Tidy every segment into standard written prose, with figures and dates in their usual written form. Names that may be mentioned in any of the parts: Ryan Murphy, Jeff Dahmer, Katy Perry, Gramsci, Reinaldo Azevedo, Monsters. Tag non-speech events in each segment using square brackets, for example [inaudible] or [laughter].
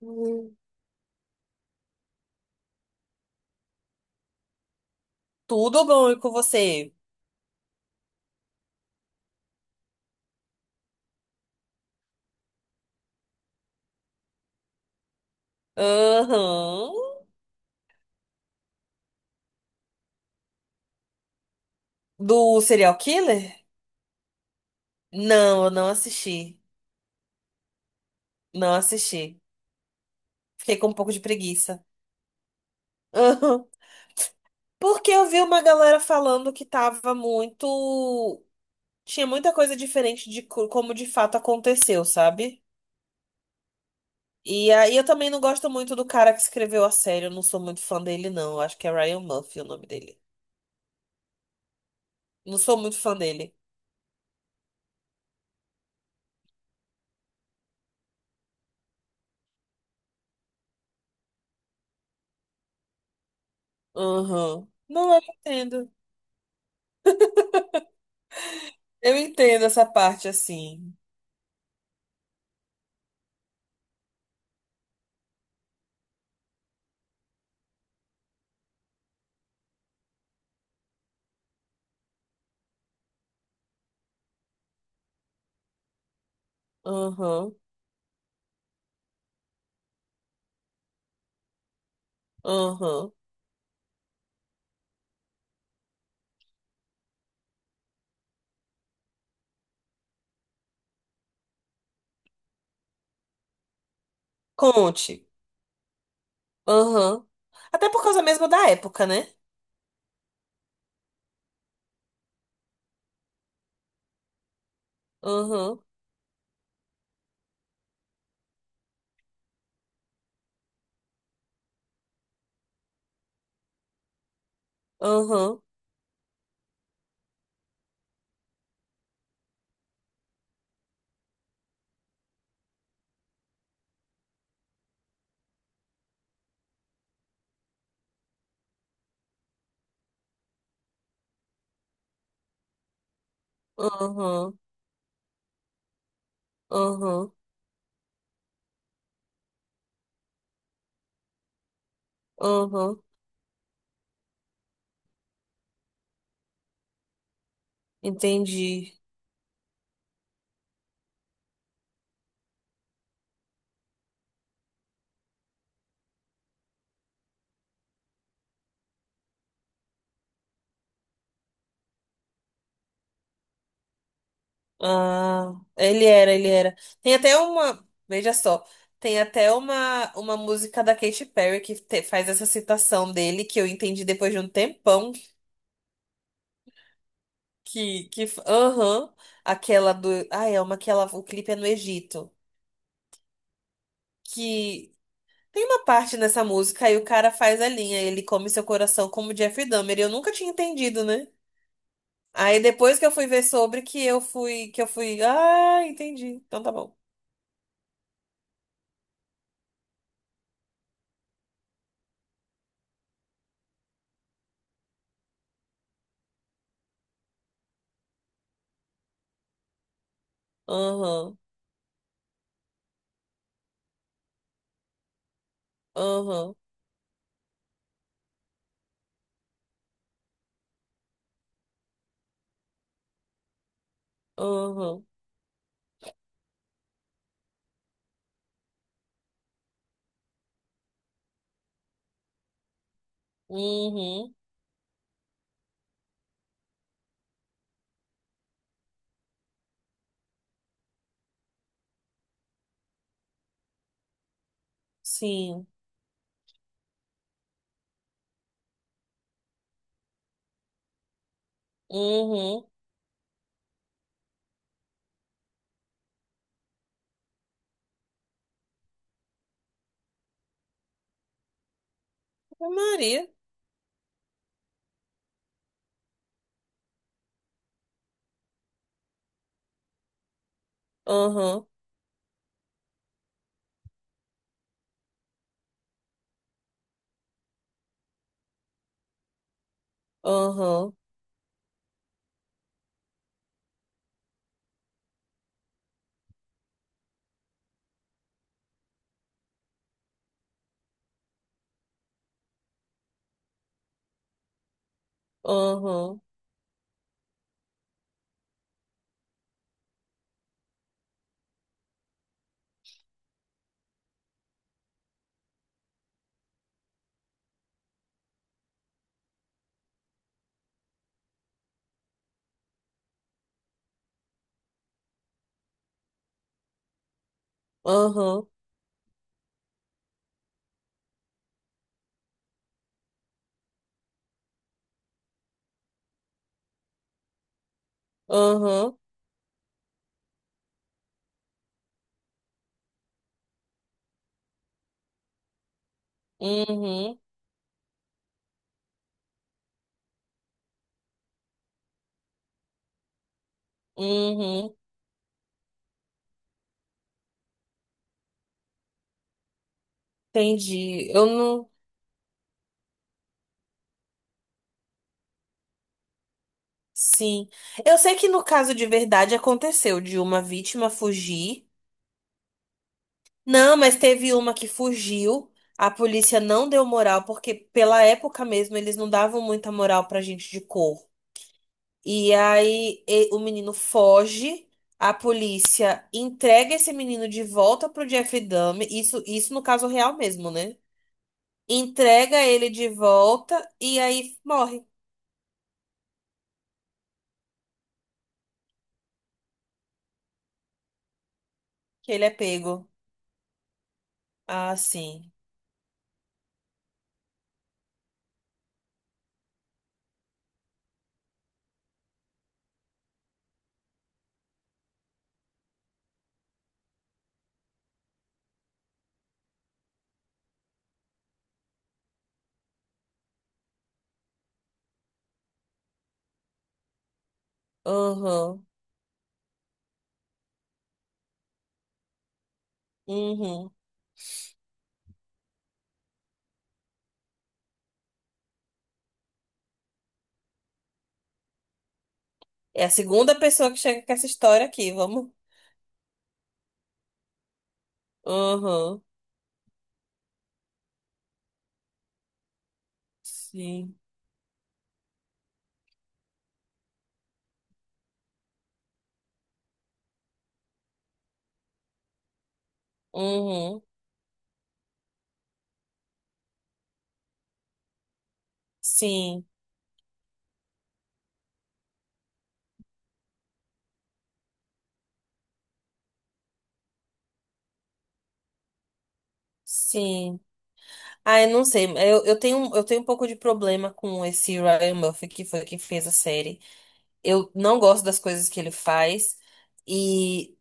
Hum. Tudo bom e com você? Aham. Do Serial Killer? Não, eu não assisti. Não assisti. Fiquei com um pouco de preguiça. Aham. Porque eu vi uma galera falando que tava muito. Tinha muita coisa diferente como de fato aconteceu, sabe? E aí eu também não gosto muito do cara que escreveu a série. Eu não sou muito fã dele, não. Eu acho que é Ryan Murphy o nome dele. Não sou muito fã dele. Aham. Não, eu entendo. Eu entendo essa parte assim. Aham, aham. Conte. Aham. Até por causa mesmo da época, né? Aham, aham, aham, aham, aham. Entendi. Ah, ele era, ele era. Tem até uma, veja só, tem até uma música da Katy Perry faz essa citação dele, que eu entendi depois de um tempão, que, que, aham, aquela do, ah, é uma que ela, o clipe é no Egito que tem uma parte nessa música aí o cara faz a linha, ele come seu coração como Jeff Dahmer, e eu nunca tinha entendido, né? Aí depois que eu fui ver sobre que eu fui, ah, entendi. Então tá bom. Aham, aham, aham, uhum, sim, uhum, Ave Maria, aham, aham, aham, aham, aham, uhum, uhum, entendi. Eu não. Sim. Eu sei que no caso de verdade aconteceu de uma vítima fugir. Não, mas teve uma que fugiu. A polícia não deu moral, porque pela época mesmo eles não davam muita moral pra gente de cor. E aí o menino foge, a polícia entrega esse menino de volta pro Jeff Dahmer. Isso no caso real mesmo, né? Entrega ele de volta e aí morre, que ele é pego. Ah, sim. Aham. Uhum. É a segunda pessoa que chega com essa história aqui, vamos. Uhum. Sim. Uhum. Sim. Sim. Ah, eu não sei. Eu tenho um pouco de problema com esse Ryan Murphy, que foi quem fez a série. Eu não gosto das coisas que ele faz. E.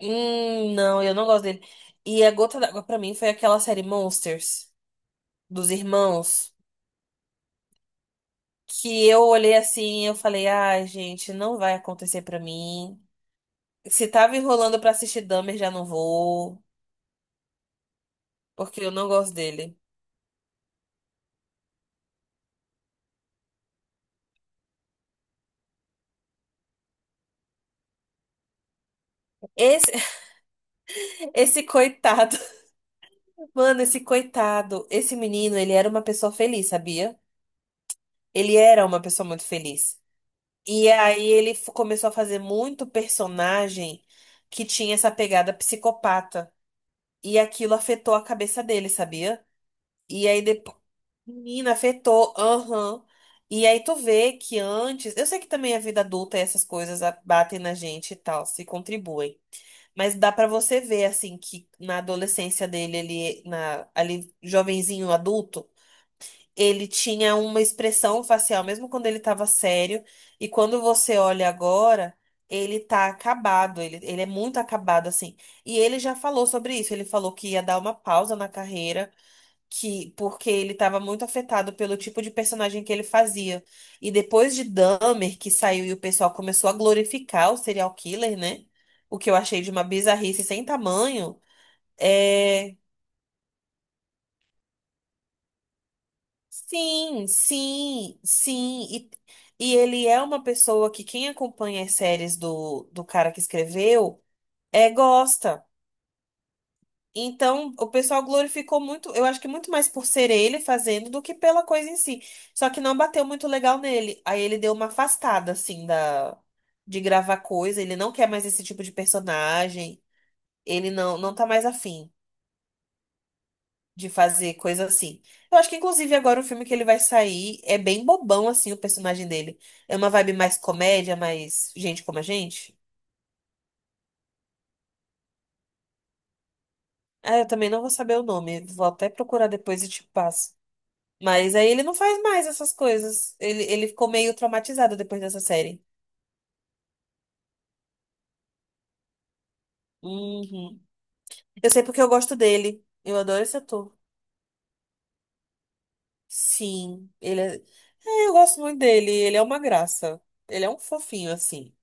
Não, eu não gosto dele. E a gota d'água pra mim foi aquela série Monsters, dos irmãos, que eu olhei assim e eu falei, ai, gente, não vai acontecer pra mim. Se tava enrolando pra assistir Dahmer, já não vou, porque eu não gosto dele. Esse, [laughs] esse coitado, mano, esse coitado, esse menino, ele era uma pessoa feliz, sabia? Ele era uma pessoa muito feliz. E aí começou a fazer muito personagem que tinha essa pegada psicopata. E aquilo afetou a cabeça dele, sabia? E aí depois, menina, afetou, aham. E aí tu vê que antes, eu sei que também a vida adulta e essas coisas batem na gente e tal, se contribuem. Mas dá pra você ver, assim, que na adolescência dele, ele, na, ali, jovenzinho, adulto, ele tinha uma expressão facial, mesmo quando ele tava sério. E quando você olha agora, ele tá acabado, ele é muito acabado, assim. E ele já falou sobre isso, ele falou que ia dar uma pausa na carreira que porque ele estava muito afetado pelo tipo de personagem que ele fazia. E depois de Dahmer, que saiu e o pessoal começou a glorificar o serial killer, né? O que eu achei de uma bizarrice sem tamanho. É... Sim, sim, sim. E ele é uma pessoa que quem acompanha as séries do cara que escreveu é gosta. Então, o pessoal glorificou muito, eu acho que muito mais por ser ele fazendo do que pela coisa em si. Só que não bateu muito legal nele. Aí ele deu uma afastada, assim, da, de gravar coisa. Ele não quer mais esse tipo de personagem. Ele não tá mais afim de fazer coisa assim. Eu acho que, inclusive, agora o filme que ele vai sair é bem bobão, assim, o personagem dele. É uma vibe mais comédia, mais gente como a gente. Ah, eu também não vou saber o nome. Vou até procurar depois e te passo. Mas aí ele não faz mais essas coisas. Ele ficou meio traumatizado depois dessa série. Uhum. Eu sei porque eu gosto dele. Eu adoro esse ator. Sim, ele é... é, eu gosto muito dele. Ele é uma graça. Ele é um fofinho, assim.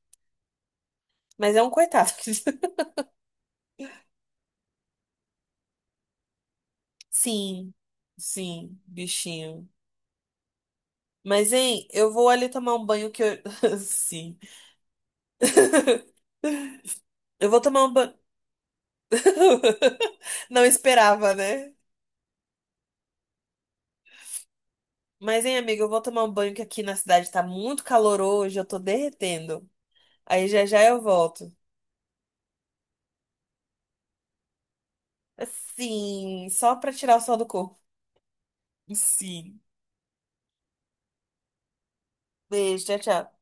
Mas é um coitado. [laughs] Sim, sim, bichinho. Mas, hein, eu vou ali tomar um banho que eu. [laughs] Sim. [laughs] Eu vou tomar um banho. [laughs] Não esperava, né? Mas, hein, amiga, eu vou tomar um banho que aqui na cidade tá muito calor hoje, eu tô derretendo. Aí já já eu volto. Assim, só pra tirar o sol do corpo. Sim. Beijo, tchau, tchau.